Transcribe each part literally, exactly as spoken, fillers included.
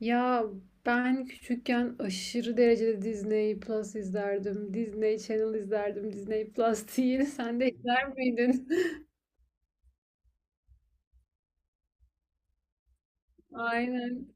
Ya, ben küçükken aşırı derecede Disney Plus izlerdim. Disney Channel izlerdim. Disney Plus değil. Sen de izler miydin? Aynen.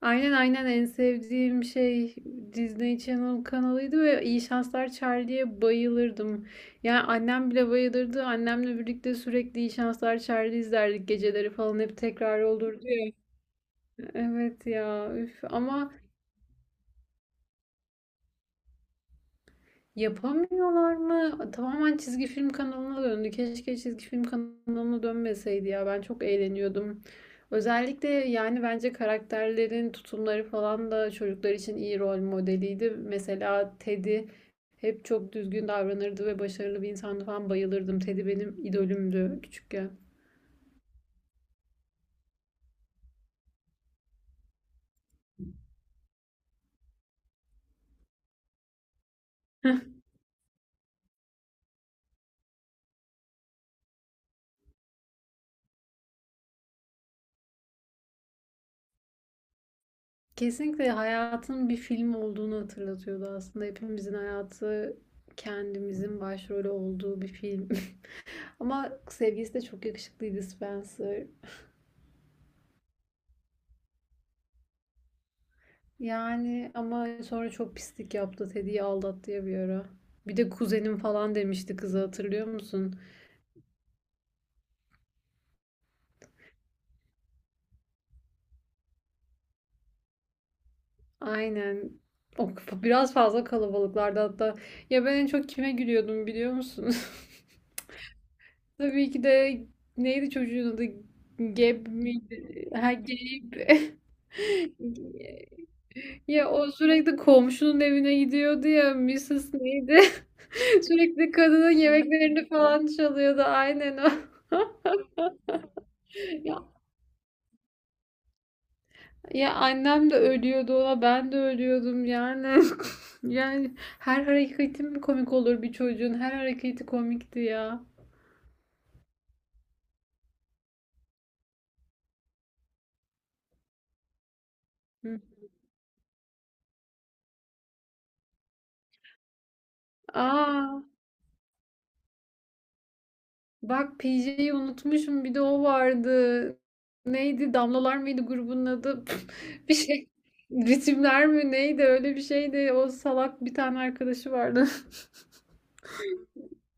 Aynen, aynen, en sevdiğim şey Disney Channel kanalıydı ve İyi Şanslar Charlie'ye bayılırdım. Yani annem bile bayılırdı. Annemle birlikte sürekli İyi Şanslar Charlie izlerdik, geceleri falan hep tekrar olurdu ya. Evet ya, üf, ama... Yapamıyorlar mı? Tamamen çizgi film kanalına döndü. Keşke çizgi film kanalına dönmeseydi ya. Ben çok eğleniyordum. Özellikle yani bence karakterlerin tutumları falan da çocuklar için iyi rol modeliydi. Mesela Teddy hep çok düzgün davranırdı ve başarılı bir insandı falan, bayılırdım. Teddy benim idolümdü küçükken. Kesinlikle hayatın bir film olduğunu hatırlatıyordu aslında. Hepimizin hayatı kendimizin başrolü olduğu bir film. Ama sevgilisi de çok yakışıklıydı, Spencer. Yani ama sonra çok pislik yaptı. Teddy'yi aldattı ya bir ara. Bir de kuzenim falan demişti kıza, hatırlıyor musun? Aynen. O biraz fazla kalabalıklardı hatta. Ya, ben en çok kime gülüyordum biliyor musun? Tabii ki de neydi çocuğun adı? Geb miydi? Ha, Gabe. Ya, o sürekli komşunun evine gidiyordu ya, missus neydi? Sürekli kadının yemeklerini falan çalıyordu. Aynen o. Ya, ya annem de ölüyordu ona, ben de ölüyordum yani. Yani her hareketi mi komik olur bir çocuğun? Her hareketi komikti ya. Hı. Aa, bak, P J'yi unutmuşum, bir de o vardı. Neydi? Damlalar mıydı grubun adı? Bir şey. Ritimler mi neydi, öyle bir şeydi. O salak bir tane arkadaşı vardı.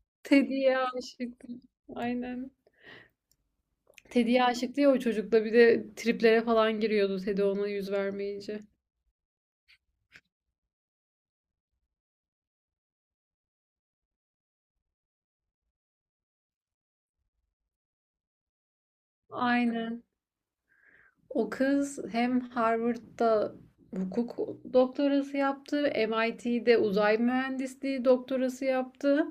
Teddy'ye aşıktım. Aynen. Teddy'ye aşıktı ya o çocukla, bir de triplere falan giriyordu Teddy ona yüz vermeyince. Aynen. O kız hem Harvard'da hukuk doktorası yaptı, M I T'de uzay mühendisliği doktorası yaptı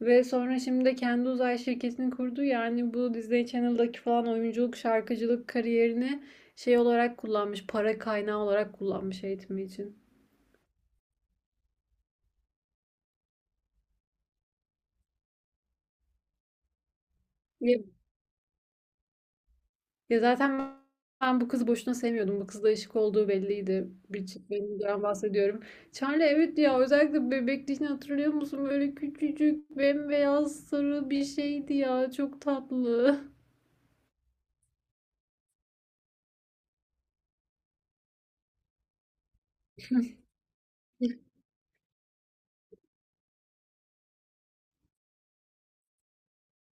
ve sonra şimdi de kendi uzay şirketini kurdu. Yani bu Disney Channel'daki falan oyunculuk, şarkıcılık kariyerini şey olarak kullanmış, para kaynağı olarak kullanmış eğitimi için. Ya. Ya zaten ben bu kızı boşuna sevmiyordum. Bu kızla ışık olduğu belliydi. Bir çiftlikten bahsediyorum. Charlie, evet ya, özellikle bebekliğini hatırlıyor musun? Böyle küçücük bembeyaz sarı bir şeydi ya. Çok tatlı.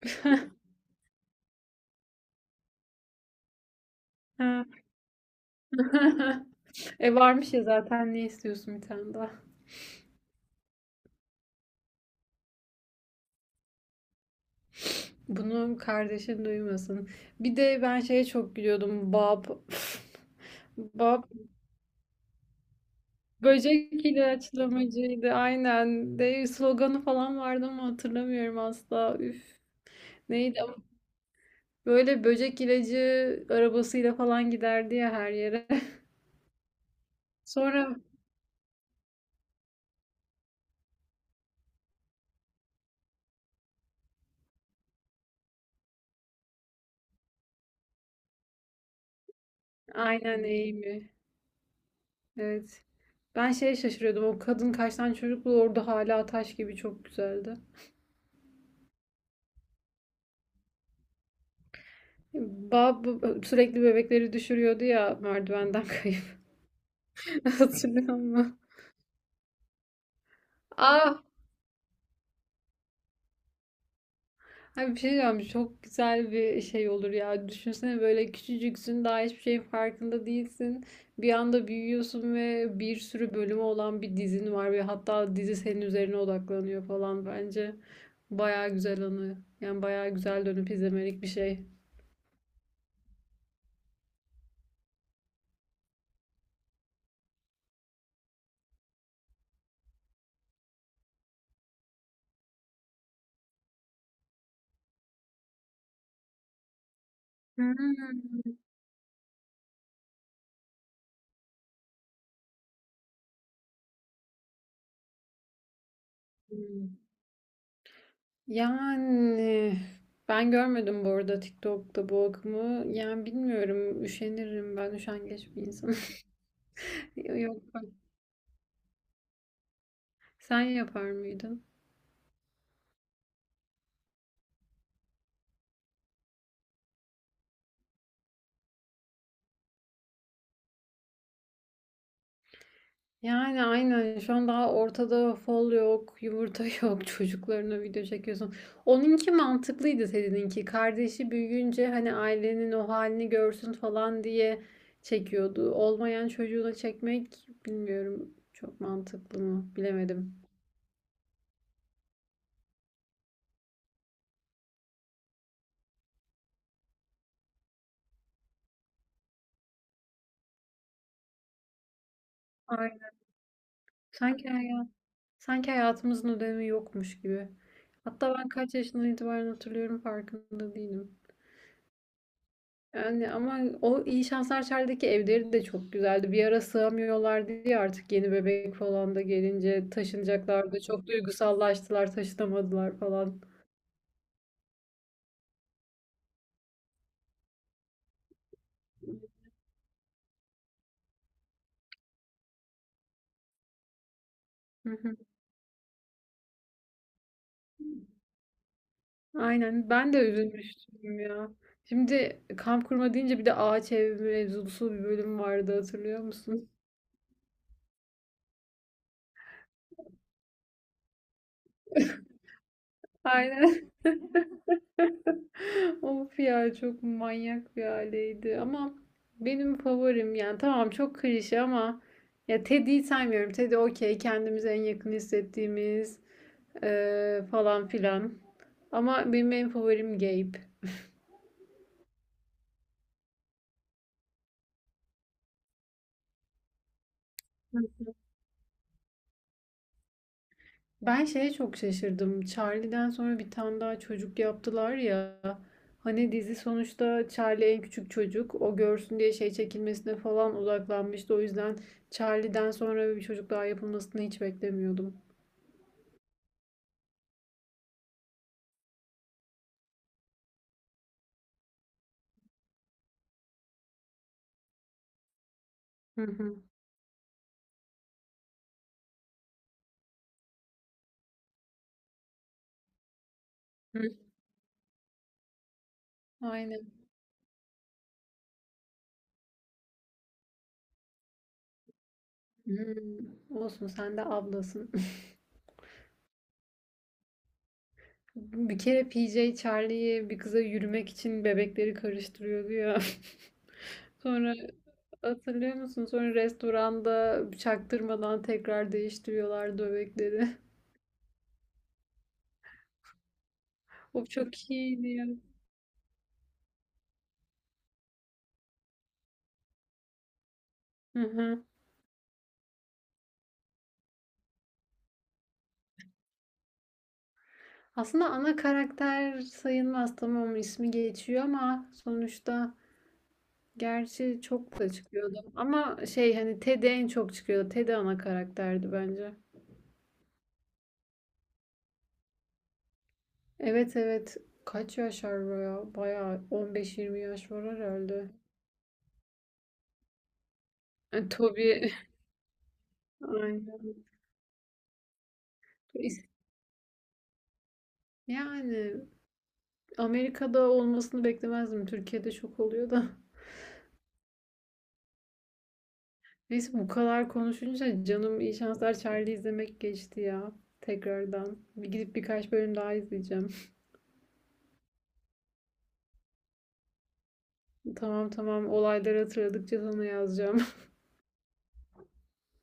E varmış ya zaten, ne istiyorsun bir tane daha. Bunu kardeşin duymasın. Bir de ben şeye çok gülüyordum. Bob. Bob, böcek ilaçlamacıydı aynen. De sloganı falan vardı ama hatırlamıyorum asla. Üf. Neydi? Böyle böcek ilacı arabasıyla falan giderdi ya her yere. Sonra, aynen, Amy. Evet. Ben şeye şaşırıyordum. O kadın kaç tane çocuklu orada hala taş gibi çok güzeldi. Bab sürekli bebekleri düşürüyordu ya merdivenden kayıp. Hatırlıyor musun? Aa, abi bir şey diyeceğim, çok güzel bir şey olur ya. Düşünsene böyle küçücüksün, daha hiçbir şeyin farkında değilsin. Bir anda büyüyorsun ve bir sürü bölümü olan bir dizin var ve hatta dizi senin üzerine odaklanıyor falan bence. Baya güzel anı. Yani baya güzel dönüp izlemelik bir şey. Hmm. Yani ben görmedim bu arada TikTok'ta bu akımı. Yani bilmiyorum, üşenirim, ben üşengeç bir insanım. Yok bak, sen yapar mıydın? Yani aynen şu an daha ortada fol yok, yumurta yok, çocuklarına video çekiyorsun. Onunki mantıklıydı, seninki. Kardeşi büyüyünce hani ailenin o halini görsün falan diye çekiyordu. Olmayan çocuğuna çekmek bilmiyorum çok mantıklı mı, bilemedim. Aynen. Sanki, hayat, sanki hayatımızın ödemi yokmuş gibi. Hatta ben kaç yaşından itibaren hatırlıyorum farkında değilim. Yani ama o iyi Şanslar Çay'daki evleri de çok güzeldi. Bir ara sığamıyorlardı diye artık yeni bebek falan da gelince taşınacaklardı. Çok duygusallaştılar, taşınamadılar falan. Hı hı. Aynen, ben de üzülmüştüm ya. Şimdi kamp kurma deyince bir de ağaç ev mevzusu bir bölüm vardı, hatırlıyor musun? Aynen. Of ya, çok manyak bir aileydi ama benim favorim yani, tamam çok klişe ama, ya Teddy'yi saymıyorum. Teddy okey, kendimize en yakın hissettiğimiz eee, falan filan. Ama benim en favorim Gabe. Ben şeye çok şaşırdım. Charlie'den sonra bir tane daha çocuk yaptılar ya. Hani dizi sonuçta Charlie en küçük çocuk. O görsün diye şey çekilmesine falan odaklanmıştı. O yüzden Charlie'den sonra bir çocuk daha yapılmasını hiç beklemiyordum. Hı hı. Hı. Aynen. Hmm. Olsun, sen de ablasın. Bir kere P J Charlie'yi bir kıza yürümek için bebekleri karıştırıyordu ya. Sonra, hatırlıyor musun? Sonra restoranda çaktırmadan tekrar değiştiriyorlar dövekleri. O çok iyiydi ya. Hı hı. Aslında ana karakter sayılmaz, tamam ismi geçiyor ama sonuçta, gerçi çok da çıkıyordu. Ama şey hani Ted'e en çok çıkıyordu. Ted ana karakterdi bence. Evet, evet. Kaç yaş var ya? Bayağı on beş, yirmi yaş var herhalde. Yani Toby. Aynen. Yani Amerika'da olmasını beklemezdim. Türkiye'de çok oluyor da. Neyse bu kadar konuşunca canım iyi şanslar Charlie izlemek geçti ya. Tekrardan. Bir gidip birkaç bölüm daha izleyeceğim. Tamam, tamam, olayları hatırladıkça sana yazacağım.